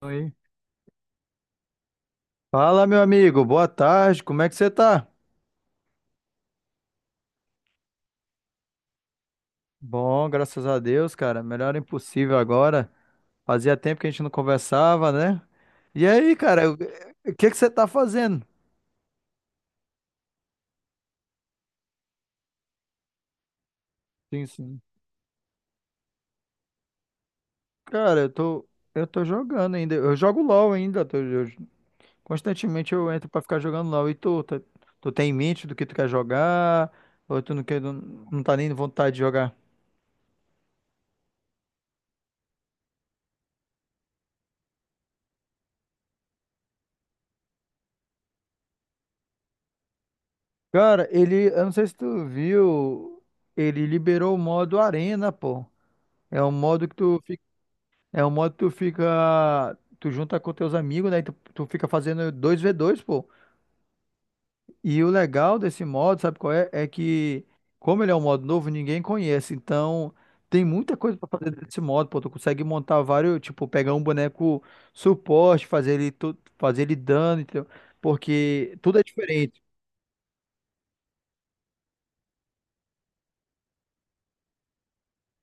Oi. Fala, meu amigo, boa tarde, como é que você tá? Bom, graças a Deus, cara, melhor impossível agora. Fazia tempo que a gente não conversava, né? E aí, cara, o que que você tá fazendo? Sim, sim. Cara, eu tô jogando ainda, eu jogo LoL ainda, constantemente eu entro pra ficar jogando LoL. E tu tem em mente do que tu quer jogar? Ou tu não quer, não, não tá nem vontade de jogar? Cara, ele, eu não sei se tu viu, ele liberou o modo Arena, pô. É um modo que tu fica, é um modo que tu fica, tu junta com teus amigos, né? E tu fica fazendo 2v2, pô. E o legal desse modo, sabe qual é? É que, como ele é um modo novo, ninguém conhece. Então, tem muita coisa pra fazer desse modo, pô. Tu consegue montar vários, tipo, pegar um boneco suporte, fazer ele dano, entendeu? Porque tudo é diferente.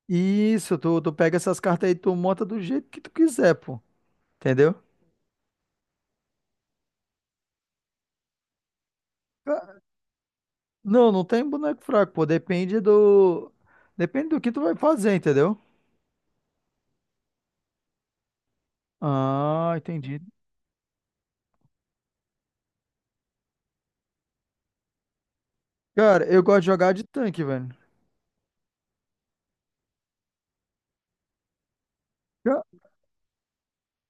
Isso, tu pega essas cartas aí, tu monta do jeito que tu quiser, pô. Entendeu? Não, não tem boneco fraco, pô. Depende do que tu vai fazer, entendeu? Ah, entendi. Cara, eu gosto de jogar de tanque, velho. Ca-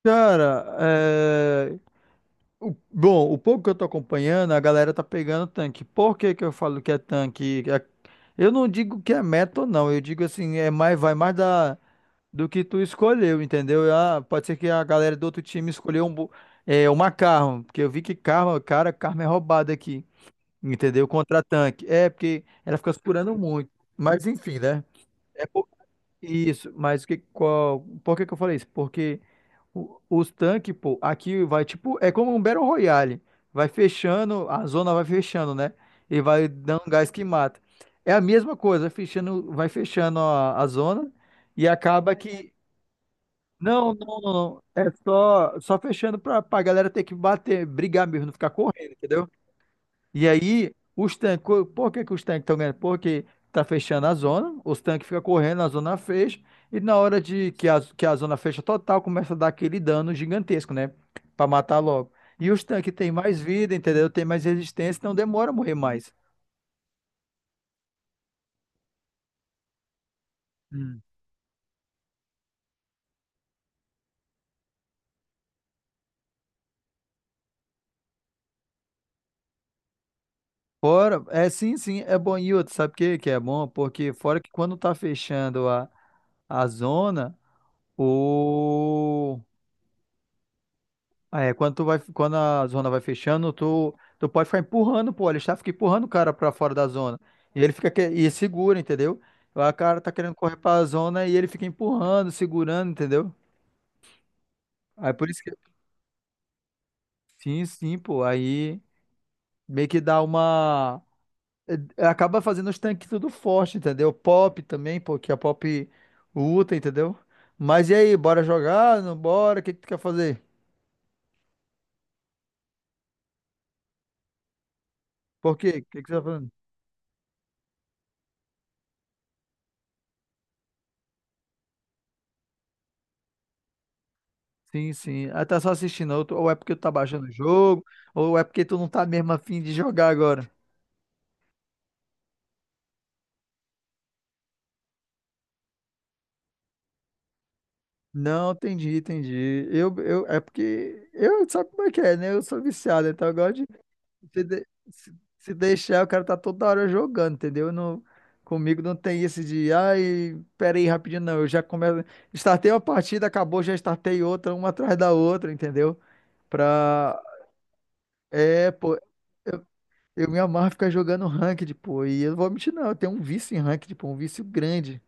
Cara, bom, o pouco que eu tô acompanhando, a galera tá pegando tanque. Por que que eu falo que é tanque? Eu não digo que é meta ou não, eu digo assim, é mais, vai mais do que tu escolheu, entendeu? Ah, pode ser que a galera do outro time escolheu um, uma Karma, porque eu vi que Karma, cara, Karma é roubada aqui. Entendeu? Contra-tanque. É, porque ela fica segurando muito. Mas enfim, né? É por- Isso, mas por que que eu falei isso? Porque os tanques, pô, aqui vai tipo. É como um Battle Royale. Vai fechando, a zona vai fechando, né? E vai dando gás que mata. É a mesma coisa, fechando, vai fechando a zona e acaba que. Não, não, não, não. É só fechando pra galera ter que bater, brigar mesmo, não ficar correndo, entendeu? E aí, os tanques, por que que os tanques estão ganhando? Porque tá fechando a zona, os tanques ficam correndo, a zona fecha, e na hora de que a zona fecha total, começa a dar aquele dano gigantesco, né? Pra matar logo. E os tanques têm mais vida, entendeu? Tem mais resistência, então demora a morrer mais. Hum. Fora, é, sim, sim, é bom. E outro, sabe o que que é bom? Porque fora que, quando tá fechando a zona, o... ah, é, quando quando a zona vai fechando, tu pode ficar empurrando, pô, ele está fica empurrando o cara pra fora da zona. E ele fica e segura, entendeu? Lá o cara tá querendo correr pra zona e ele fica empurrando, segurando, entendeu? Aí por isso que, sim, sim, pô, aí meio que dá uma, acaba fazendo os tanques tudo forte, entendeu? Pop também, pô, que a Pop luta, entendeu? Mas e aí, bora jogar? Não bora? O que que tu quer fazer? Por quê? O que que você tá falando? Sim, sim. Ah, tá só assistindo, ou é porque tu tá baixando o jogo, ou é porque tu não tá mesmo afim de jogar agora. Não, entendi, entendi. É porque eu, sabe como é que é, né? Eu sou viciado, então eu gosto de se deixar, o cara tá toda hora jogando, entendeu? Eu Não, comigo não tem esse de, ai, pera aí, rapidinho, não. Eu já começo, startei uma partida, acabou, já startei outra, uma atrás da outra, entendeu? Pra, Pô, eu me amarro ficar jogando ranked, pô. E eu não vou mentir, não. Eu tenho um vício em ranked, pô. Um vício grande.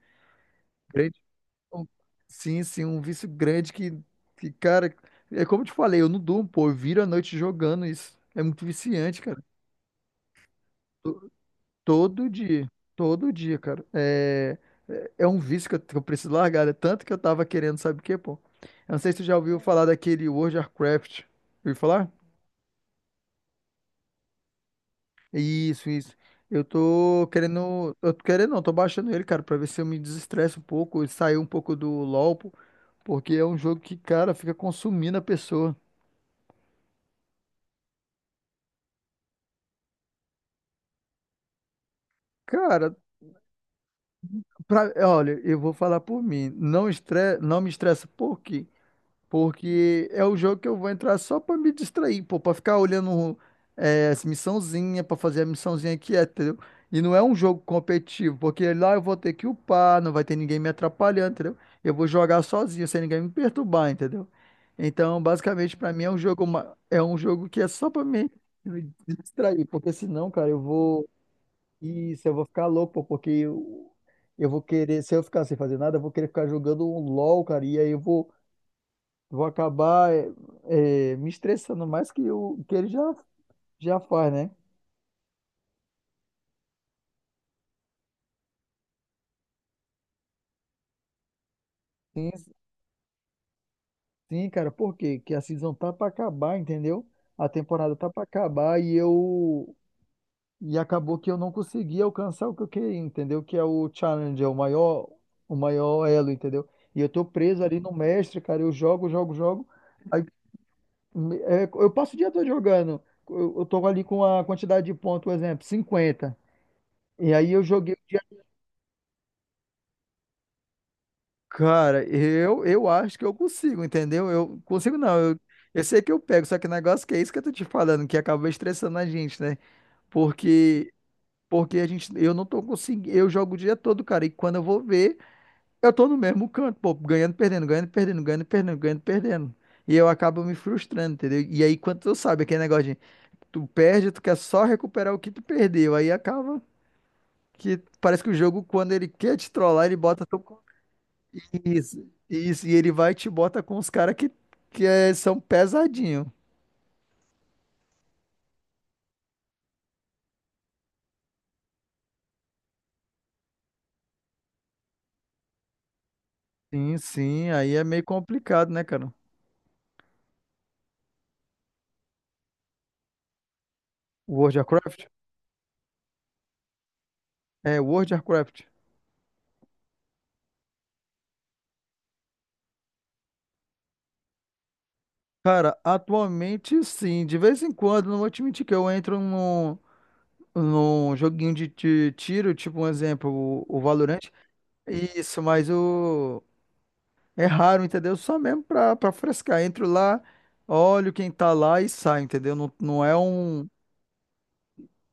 Grande? Um- Sim, sim. Um vício grande que, cara. É como eu te falei, eu não durmo, pô. Eu viro a noite jogando isso. É muito viciante, cara. To- Todo dia. Todo dia, cara. É um vício que eu preciso largar. É tanto que eu tava querendo, sabe o quê, pô? Eu não sei se tu já ouviu falar daquele World of Warcraft. Ouviu falar? Isso, isso. Eu tô querendo. Eu tô querendo, não, tô baixando ele, cara, pra ver se eu me desestresso um pouco e sair um pouco do LoL, pô, porque é um jogo que, cara, fica consumindo a pessoa. Cara, olha, eu vou falar por mim. Não, não me estressa por quê? Porque é o jogo que eu vou entrar só pra me distrair, pô, pra ficar olhando as missãozinha, pra fazer a missãozinha aqui, entendeu? E não é um jogo competitivo, porque lá eu vou ter que upar, não vai ter ninguém me atrapalhando, entendeu? Eu vou jogar sozinho, sem ninguém me perturbar, entendeu? Então, basicamente, pra mim é um jogo, é um jogo que é só pra me distrair, porque senão, cara, eu vou, isso, eu vou ficar louco, pô, porque eu vou querer, se eu ficar sem fazer nada, eu vou querer ficar jogando um LOL, cara, e aí eu vou Vou acabar, me estressando mais que o que ele já faz, né? Sim, sim, cara, por quê? Que a season tá pra acabar, entendeu? A temporada tá pra acabar e eu. E acabou que eu não consegui alcançar o que eu queria, entendeu? Que é o challenge, o maior elo, entendeu? E eu tô preso ali no mestre, cara. Eu jogo, jogo, jogo. Aí, eu passo o dia todo jogando. Eu tô ali com a quantidade de pontos, por exemplo, 50. E aí eu joguei. Cara, eu acho que eu consigo, entendeu? Eu consigo não, eu sei que eu pego, só que o negócio que é isso que eu tô te falando, que acaba estressando a gente, né? Porque porque a gente, eu não tô conseguindo, eu jogo o dia todo, cara, e quando eu vou ver, eu tô no mesmo canto, pô, ganhando, perdendo, ganhando, perdendo, ganhando, perdendo, ganhando, perdendo. E eu acabo me frustrando, entendeu? E aí, quando tu sabe aquele negócio de tu perde, tu quer só recuperar o que tu perdeu, aí acaba que parece que o jogo, quando ele quer te trollar, ele bota tu, isso, e ele vai e te bota com os caras que são pesadinho. Sim, sim, aí é meio complicado, né, cara? World of Warcraft? É, World of Warcraft. Cara, atualmente sim, de vez em quando, não vou te mentir que eu entro num joguinho de tiro, tipo um exemplo, o Valorant. Isso, mas é raro, entendeu? Só mesmo pra frescar. Entro lá, olho quem tá lá e saio, entendeu? Não, não é um.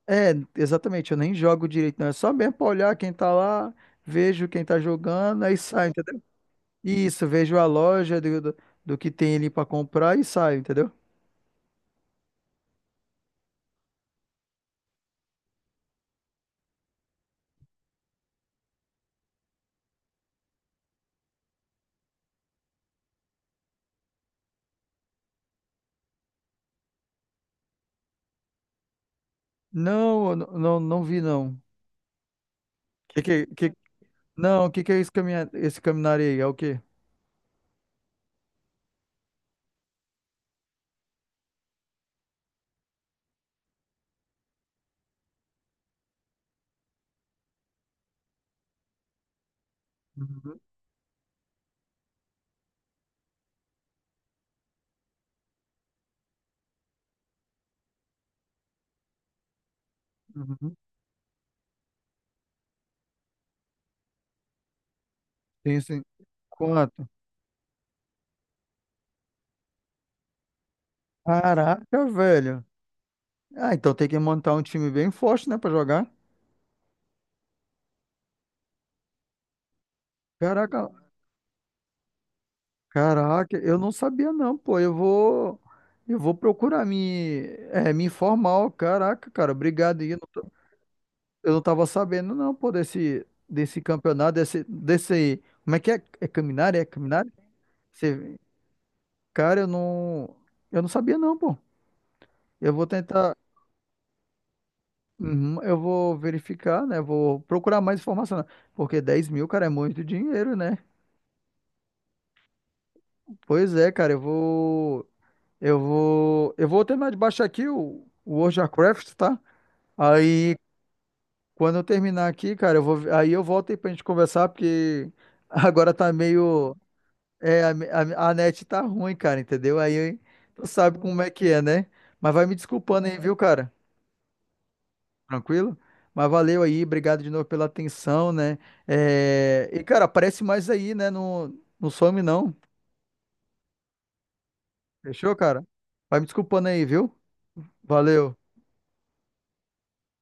É, exatamente, eu nem jogo direito, não. É só mesmo pra olhar quem tá lá, vejo quem tá jogando, aí saio, entendeu? Isso, vejo a loja do que tem ali pra comprar e saio, entendeu? Não, eu não, não vi, não. Que que, que, não, o que que é esse caminhar aí? É o quê? Uhum, uhum. Sim, sim. Quanto? Caraca, velho. Ah, então tem que montar um time bem forte, né, pra jogar. Caraca, Caraca, eu não sabia não, pô. Eu vou procurar me informar, ó. Caraca, cara, obrigado aí. Eu não tava sabendo não, pô, desse campeonato, como é que é? É caminhar? É caminhar? Você, cara, eu não sabia não, pô. Eu vou tentar, uhum, eu vou verificar, né? Vou procurar mais informação, né? Porque 10.000, cara, é muito dinheiro, né? Pois é, cara, eu vou terminar de baixar aqui o World of Warcraft, tá? Aí, quando eu terminar aqui, cara, aí eu volto aí pra gente conversar, porque agora tá meio, a net tá ruim, cara, entendeu? Aí tu sabe como é que é, né? Mas vai me desculpando aí, viu, cara? Tranquilo? Mas valeu aí, obrigado de novo pela atenção, né? É, e, cara, aparece mais aí, né? Não, não some, não. Fechou, cara? Vai me desculpando aí, viu? Valeu.